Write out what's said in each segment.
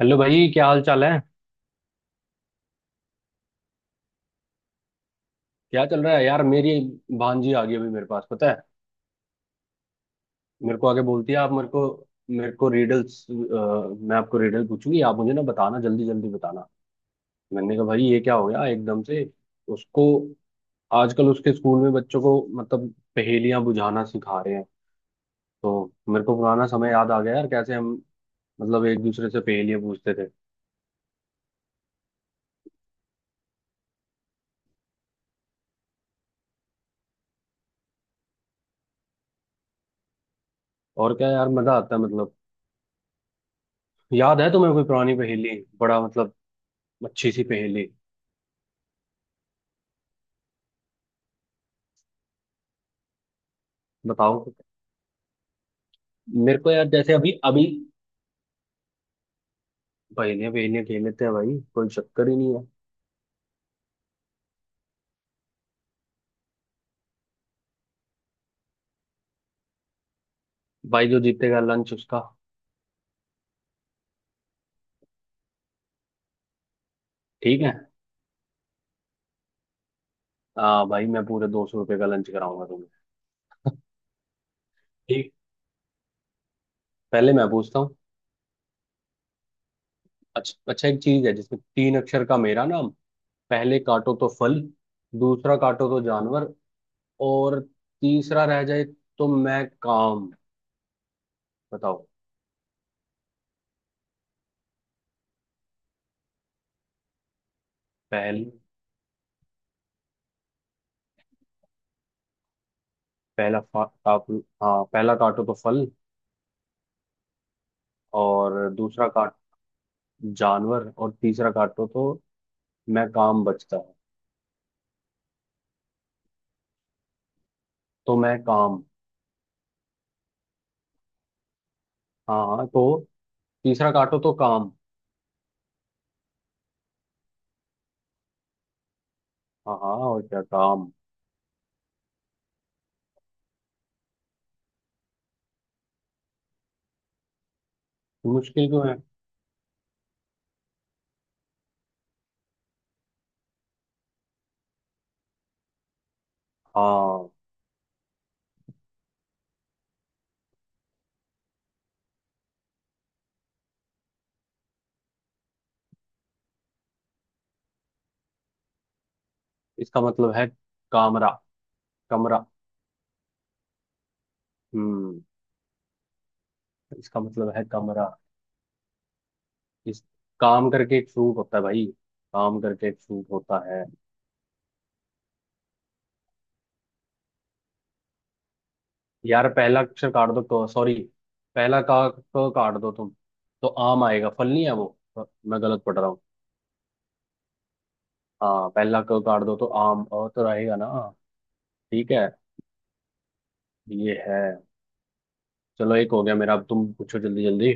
Hello भाई, क्या हाल चाल है। क्या चल रहा है यार, मेरी भांजी आ गई अभी मेरे पास, पता है। मेरे को आगे बोलती है, आप मेरे को रिडल्स, मैं आपको रिडल पूछूंगी, आप मुझे ना बताना, जल्दी जल्दी बताना। मैंने कहा भाई ये क्या हो गया एकदम से। उसको आजकल उसके स्कूल में बच्चों को मतलब पहेलियां बुझाना सिखा रहे हैं। तो मेरे को पुराना समय याद आ गया यार, कैसे हम मतलब एक दूसरे से पहेलियां पूछते थे। और क्या यार, मजा आता है मतलब। याद है तुम्हें कोई पुरानी पहेली, बड़ा मतलब अच्छी सी पहेली, बताओ। मेरे को यार जैसे अभी अभी पहले पहले खेल लेते हैं भाई, कोई चक्कर ही नहीं है। भाई जो जीतेगा, लंच उसका। ठीक है। हाँ भाई, मैं पूरे 200 रुपये का लंच कराऊंगा तुम्हें। ठीक, पहले मैं पूछता हूँ। अच्छा अच्छा, एक चीज है जिसमें तीन अक्षर का मेरा नाम। पहले काटो तो फल, दूसरा काटो तो जानवर, और तीसरा रह जाए तो मैं काम। बताओ। पहल। पहला फा, काप, हाँ, पहला काटो तो फल, और दूसरा काट जानवर, और तीसरा काटो तो मैं काम बचता। तो मैं काम। हाँ हाँ, तो तीसरा काटो तो काम। हाँ हाँ, और क्या काम। मुश्किल क्यों है। हाँ, इसका मतलब है कामरा, कमरा। हम्म, इसका मतलब है कमरा। इस काम करके एक सूट होता है भाई, काम करके एक सूट होता है। यार पहला अक्षर काट दो तो सॉरी, पहला का क काट दो तुम, तो आम आएगा। फल नहीं है वो, मैं गलत पढ़ रहा हूँ। हाँ, पहला क काट दो तो आम, अ तो रहेगा ना। ठीक है, ये है। चलो एक हो गया मेरा, अब तुम पूछो जल्दी जल्दी।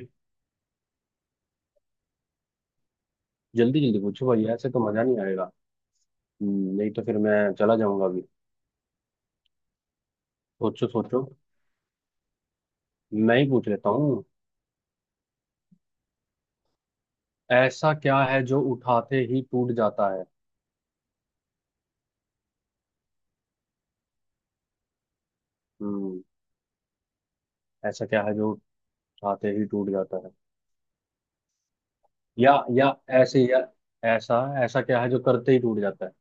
जल्दी जल्दी पूछो भाई, ऐसे तो मजा नहीं आएगा। नहीं तो फिर मैं चला जाऊंगा अभी। सोचो सोचो, मैं ही पूछ लेता हूँ। ऐसा क्या है जो उठाते ही टूट जाता है। हम्म, ऐसा क्या है जो उठाते ही टूट जाता है। या ऐसे या ऐसा ऐसा क्या है जो करते ही टूट जाता है।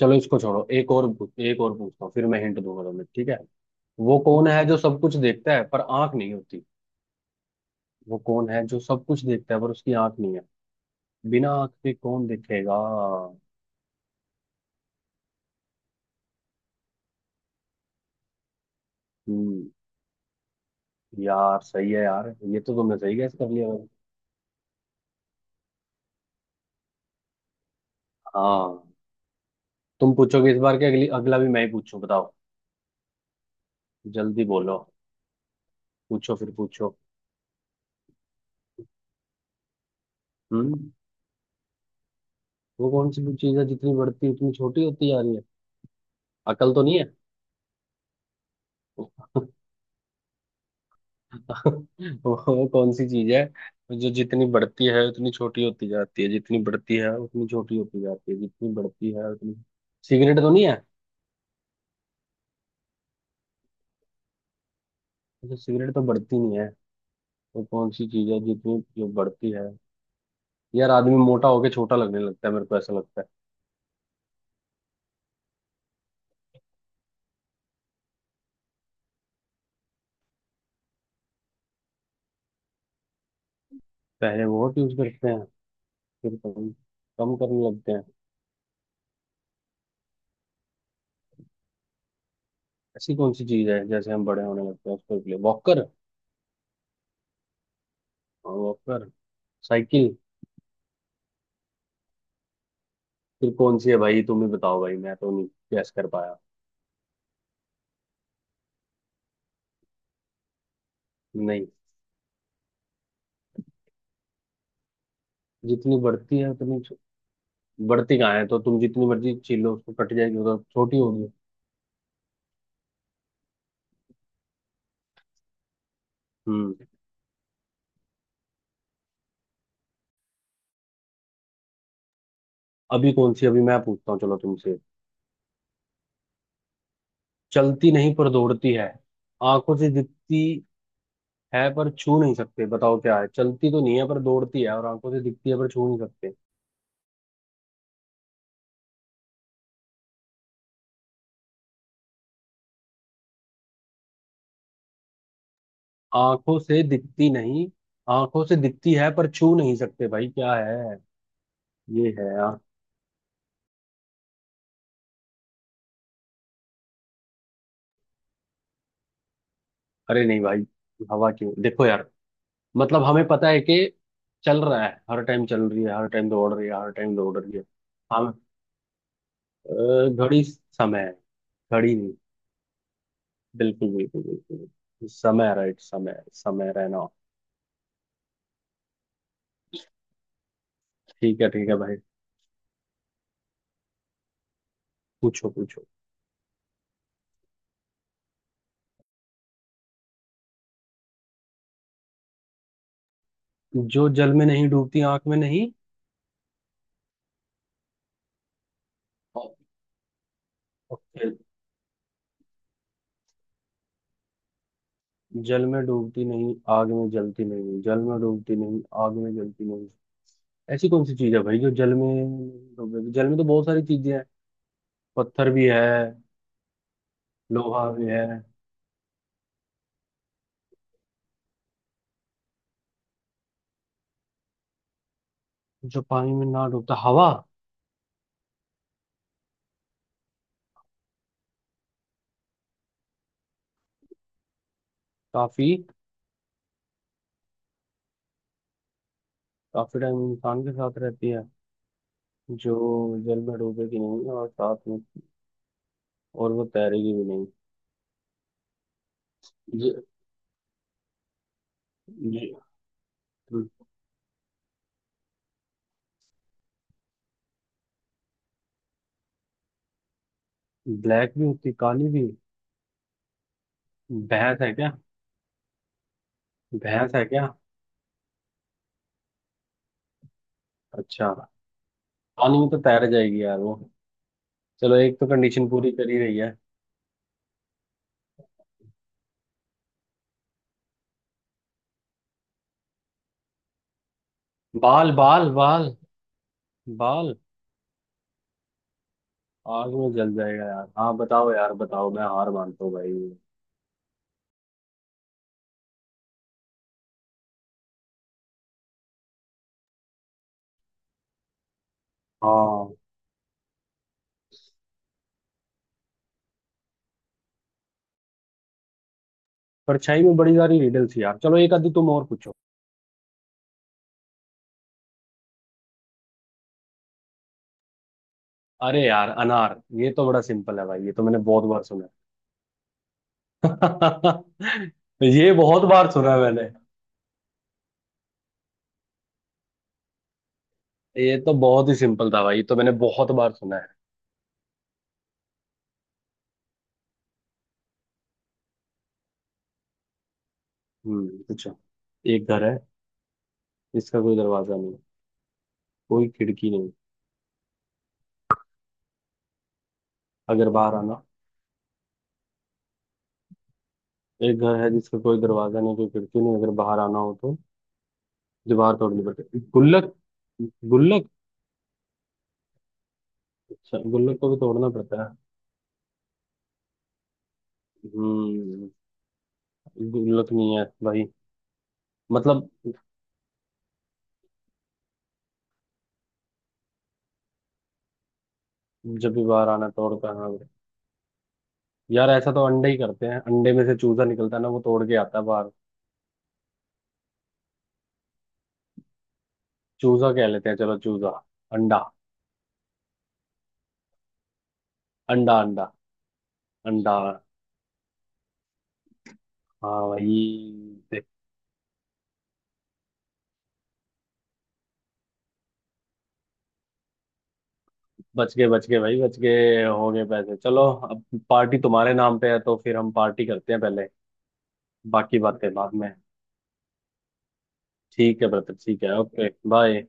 चलो इसको छोड़ो, एक और पूछता हूँ, फिर मैं हिंट दूंगा तुम्हें, ठीक है। वो कौन है जो सब कुछ देखता है पर आंख नहीं होती। वो कौन है जो सब कुछ देखता है पर उसकी आंख नहीं है। बिना आंख के कौन देखेगा। हम्म, यार सही है यार, ये तो तुमने सही गैस कर लिया भाई। हाँ, तुम पूछोगे इस बार के अगली, अगला भी मैं ही पूछूं बताओ। जल्दी बोलो, पूछो फिर पूछो। हम्म, वो कौन सी चीज है जितनी बढ़ती है, उतनी छोटी होती जा रही है। अकल तो नहीं है। वो कौन सी चीज है जो जितनी बढ़ती है उतनी छोटी होती जाती है, जितनी बढ़ती है उतनी छोटी होती जाती है, जितनी बढ़ती है उतनी। सिगरेट तो नहीं है। अच्छा, सिगरेट तो बढ़ती नहीं है। तो कौन सी चीज है जितनी जो बढ़ती है। यार आदमी मोटा होके छोटा लगने लगता है, मेरे को ऐसा लगता है। पहले बहुत यूज करते हैं, फिर कम कम करने लगते हैं। ऐसी कौन सी चीज है, जैसे हम बड़े होने लगते हैं, उसको लिए वॉकर। Walker, cycle. फिर कौन सी है भाई, तुम ही बताओ भाई, मैं तो नहीं गैस कर पाया। नहीं, जितनी बढ़ती है बढ़ती कहाँ है तो, तुम जितनी मर्जी छील लो उसको, कट जाएगी उधर, छोटी होगी। हम्म, अभी कौन सी अभी मैं पूछता हूँ, चलो तुमसे। चलती नहीं पर दौड़ती है, आंखों से दिखती है पर छू नहीं सकते, बताओ क्या है। चलती तो नहीं है पर दौड़ती है, और आंखों से दिखती है पर छू नहीं सकते। आंखों से दिखती नहीं, आंखों से दिखती है पर छू नहीं सकते, भाई क्या है। ये है यार, अरे नहीं भाई, हवा क्यों देखो यार। मतलब हमें पता है कि चल रहा है हर टाइम, चल रही है हर टाइम, दौड़ रही है हर टाइम, दौड़ रही है। हम, घड़ी, समय है, घड़ी नहीं, बिल्कुल बिल्कुल बिल्कुल समय, राइट, समय समय रहना। ठीक है भाई। पूछो पूछो। जो जल में नहीं डूबती, आंख में नहीं। ओके, जल में डूबती नहीं, आग में जलती नहीं, जल में डूबती नहीं, आग में जलती नहीं। ऐसी कौन सी चीज है भाई, जो जल में डूबेगी, जल में तो बहुत सारी चीजें हैं, पत्थर भी है, लोहा भी है। जो पानी में ना डूबता, हवा। काफी काफी टाइम इंसान के साथ रहती है। जो जल में डूबेगी नहीं, और साथ में, और वो तैरेगी भी नहीं। ज, ज, ब्लैक भी होती, काली भी। भैंस है क्या। भैंस है क्या। अच्छा, पानी में तो तैर जाएगी यार वो, चलो एक तो कंडीशन पूरी करी रही है। बाल बाल बाल बाल आग में जल जाएगा यार, हाँ बताओ यार बताओ, मैं हार मानता हूँ भाई। हाँ, परछाई में बड़ी सारी रिडल थी यार, चलो एक आधी तुम और पूछो। अरे यार, अनार, ये तो बड़ा सिंपल है भाई, ये तो मैंने बहुत बार सुना है। ये बहुत बार सुना है मैंने। ये तो बहुत ही सिंपल था भाई, ये तो मैंने बहुत बार सुना है। हम्म, पूछो। एक घर है जिसका कोई दरवाजा नहीं, कोई खिड़की नहीं, अगर बाहर आना। एक घर है जिसका कोई दरवाजा नहीं, कोई खिड़की नहीं, अगर बाहर आना हो तो दीवार तोड़नी पड़ती है। गुल्लक, गुल्लक। अच्छा, गुल्लक को भी तोड़ना पड़ता है। हम्म, गुल्लक नहीं है भाई। मतलब जब भी बाहर आना तोड़ता है, हाँ। यार ऐसा तो अंडे ही करते हैं, अंडे में से चूजा निकलता है ना, वो तोड़ के आता है बाहर। चूजा कह लेते हैं, चलो चूजा, अंडा, अंडा, अंडा, अंडा। हाँ भाई। देख, बच गए, बच गए भाई, बच गए, हो गए पैसे, चलो अब पार्टी तुम्हारे नाम पे है, तो फिर हम पार्टी करते हैं पहले, बाकी बातें बाद में। ठीक है ब्रदर, ठीक है, ओके बाय।